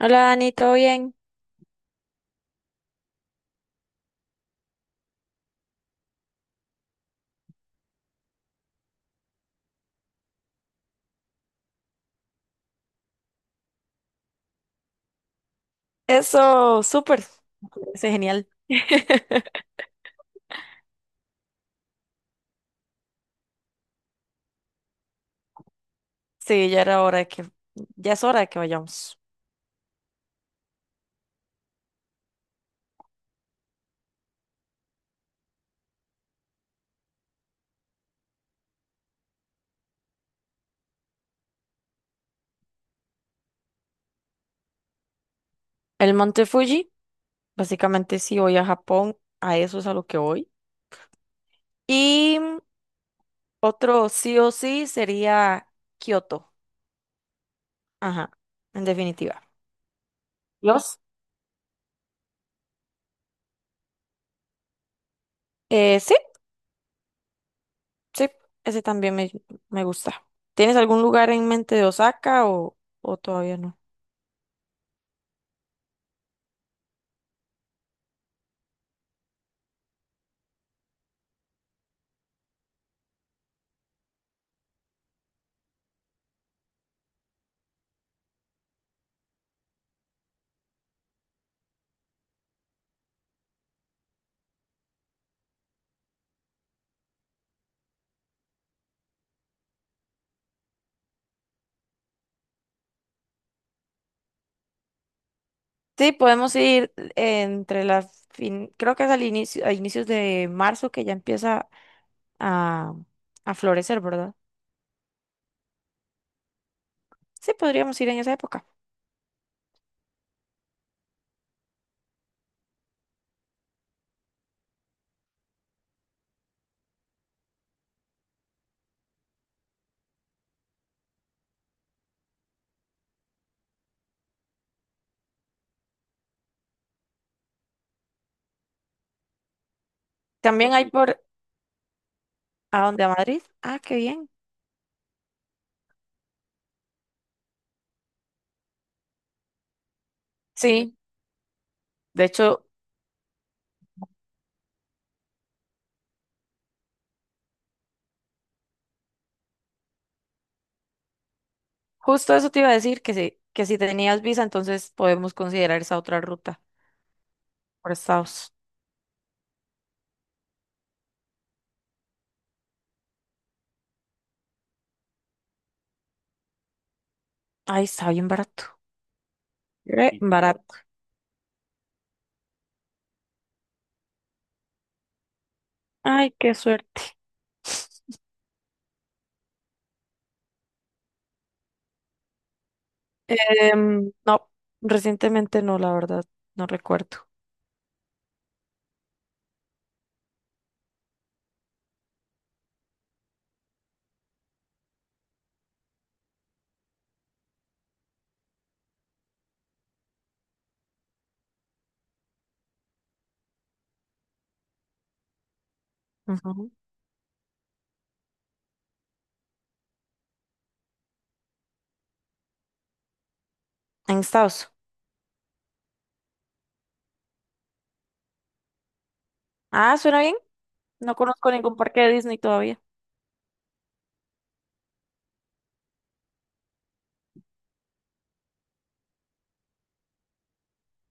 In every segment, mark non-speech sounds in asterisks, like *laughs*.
Hola Dani, ¿todo bien? Eso, súper. Me parece genial. *laughs* Sí, ya era hora de que, ya es hora de que vayamos. El Monte Fuji, básicamente sí voy a Japón, a eso es a lo que voy. Y otro sí o sí sería Kioto. Ajá, en definitiva. ¿Los? Sí, sí, ese también me gusta. ¿Tienes algún lugar en mente de Osaka o todavía no? Sí, podemos ir entre las fin, creo que es al inicio, a inicios de marzo que ya empieza a, a florecer, ¿verdad? Sí, podríamos ir en esa época. También hay por a dónde a Madrid. Ah, qué bien. Sí, de hecho, justo eso te iba a decir, que si tenías visa, entonces podemos considerar esa otra ruta por Estados. Ay, está bien barato. Re sí. Barato. Ay, qué suerte. No, recientemente no, la verdad, no recuerdo. Ujú. En Estados. Ah, suena bien. No conozco ningún parque de Disney todavía.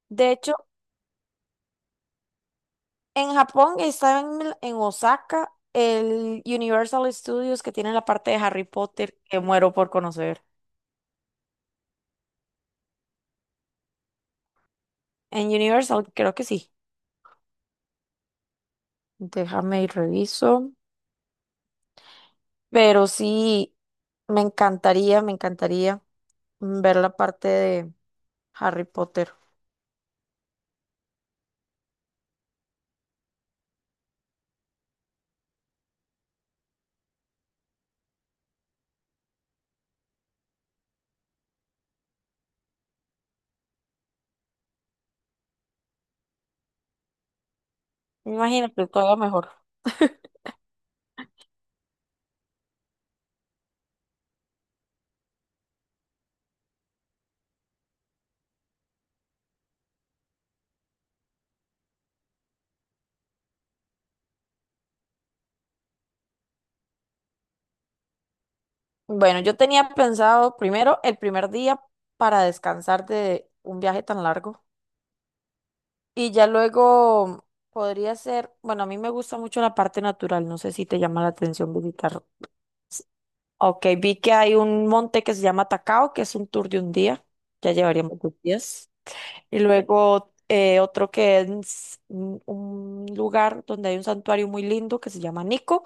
De hecho, en Japón estaba en, en Osaka el Universal Studios que tiene la parte de Harry Potter que muero por conocer. En Universal creo que sí. Déjame y reviso. Pero sí, me encantaría ver la parte de Harry Potter. Me imagino que todavía mejor. Bueno, yo tenía pensado primero el primer día para descansar de un viaje tan largo y ya luego podría ser, bueno, a mí me gusta mucho la parte natural, no sé si te llama la atención visitar. Ok, vi que hay un monte que se llama Tacao, que es un tour de un día, ya llevaríamos dos días. Y luego otro que es un lugar donde hay un santuario muy lindo que se llama Nico,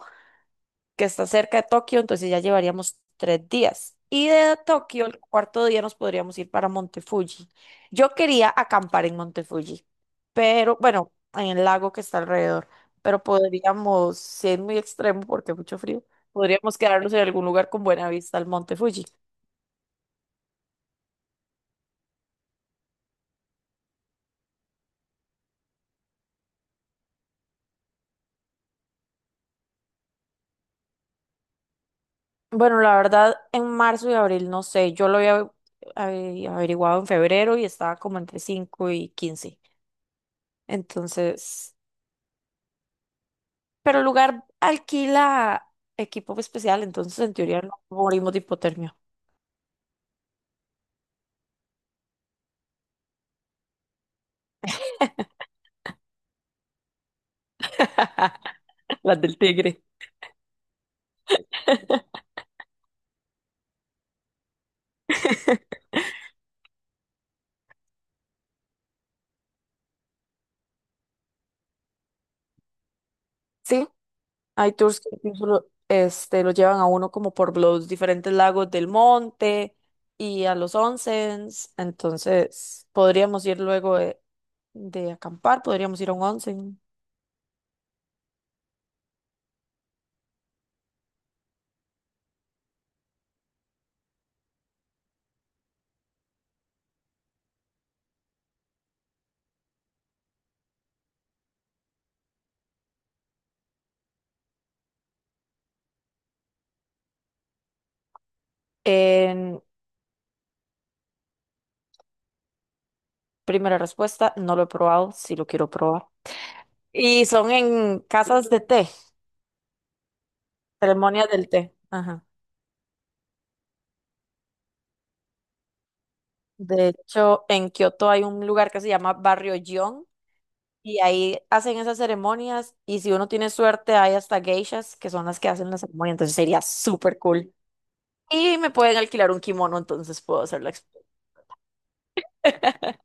que está cerca de Tokio, entonces ya llevaríamos tres días. Y de Tokio, el cuarto día nos podríamos ir para Monte Fuji. Yo quería acampar en Monte Fuji, pero bueno, en el lago que está alrededor, pero podríamos, si es muy extremo porque hay mucho frío, podríamos quedarnos en algún lugar con buena vista al Monte Fuji. Bueno, la verdad, en marzo y abril no sé, yo lo había había averiguado en febrero y estaba como entre 5 y 15. Entonces, pero el lugar alquila equipo especial, entonces en teoría no morimos de hipotermia. *laughs* Las del tigre. *laughs* Sí, hay tours que incluso lo, este, lo llevan a uno como por los diferentes lagos del monte y a los onsens. Entonces, podríamos ir luego de acampar, podríamos ir a un onsen. En primera respuesta, no lo he probado, sí lo quiero probar. Y son en casas de té. Ceremonia del té. Ajá. De hecho, en Kioto hay un lugar que se llama Barrio Gion y ahí hacen esas ceremonias y si uno tiene suerte hay hasta geishas que son las que hacen la ceremonia, entonces sería súper cool. Y me pueden alquilar un kimono, entonces puedo hacer la experiencia. *laughs*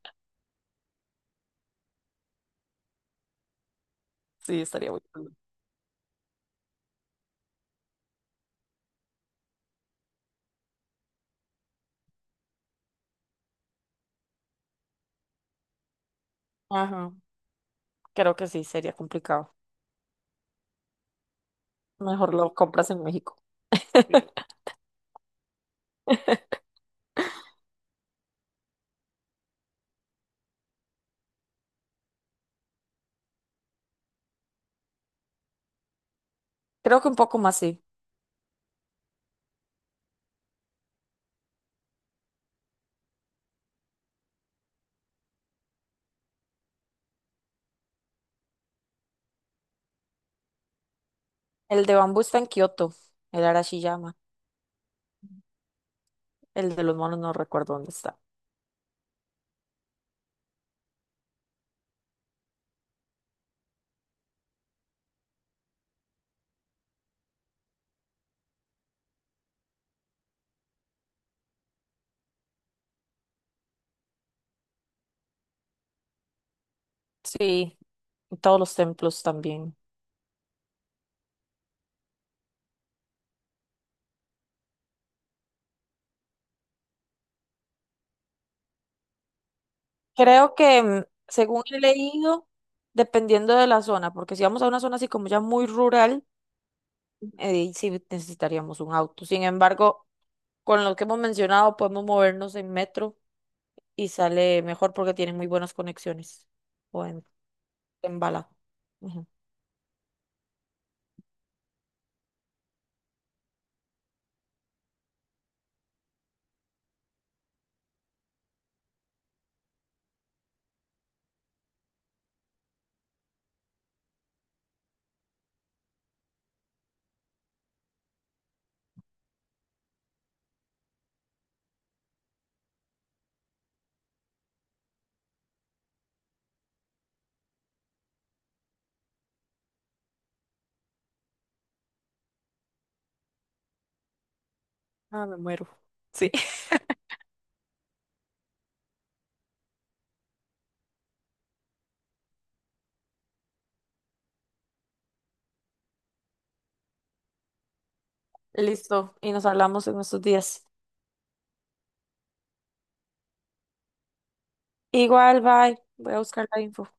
Sí, estaría muy cool. Ajá, creo que sí, sería complicado. Mejor lo compras en México. *laughs* Creo que un poco más sí. El de bambú está en Kioto, el Arashiyama. El de los monos no recuerdo dónde está. Sí, y todos los templos también. Creo que, según he leído, dependiendo de la zona, porque si vamos a una zona así como ya muy rural, ahí sí necesitaríamos un auto. Sin embargo, con lo que hemos mencionado, podemos movernos en metro y sale mejor porque tiene muy buenas conexiones. O en, en bala. Ujú. Ah, me muero. Sí. *laughs* Listo. Y nos hablamos en estos días. Igual, bye. Voy a buscar la info.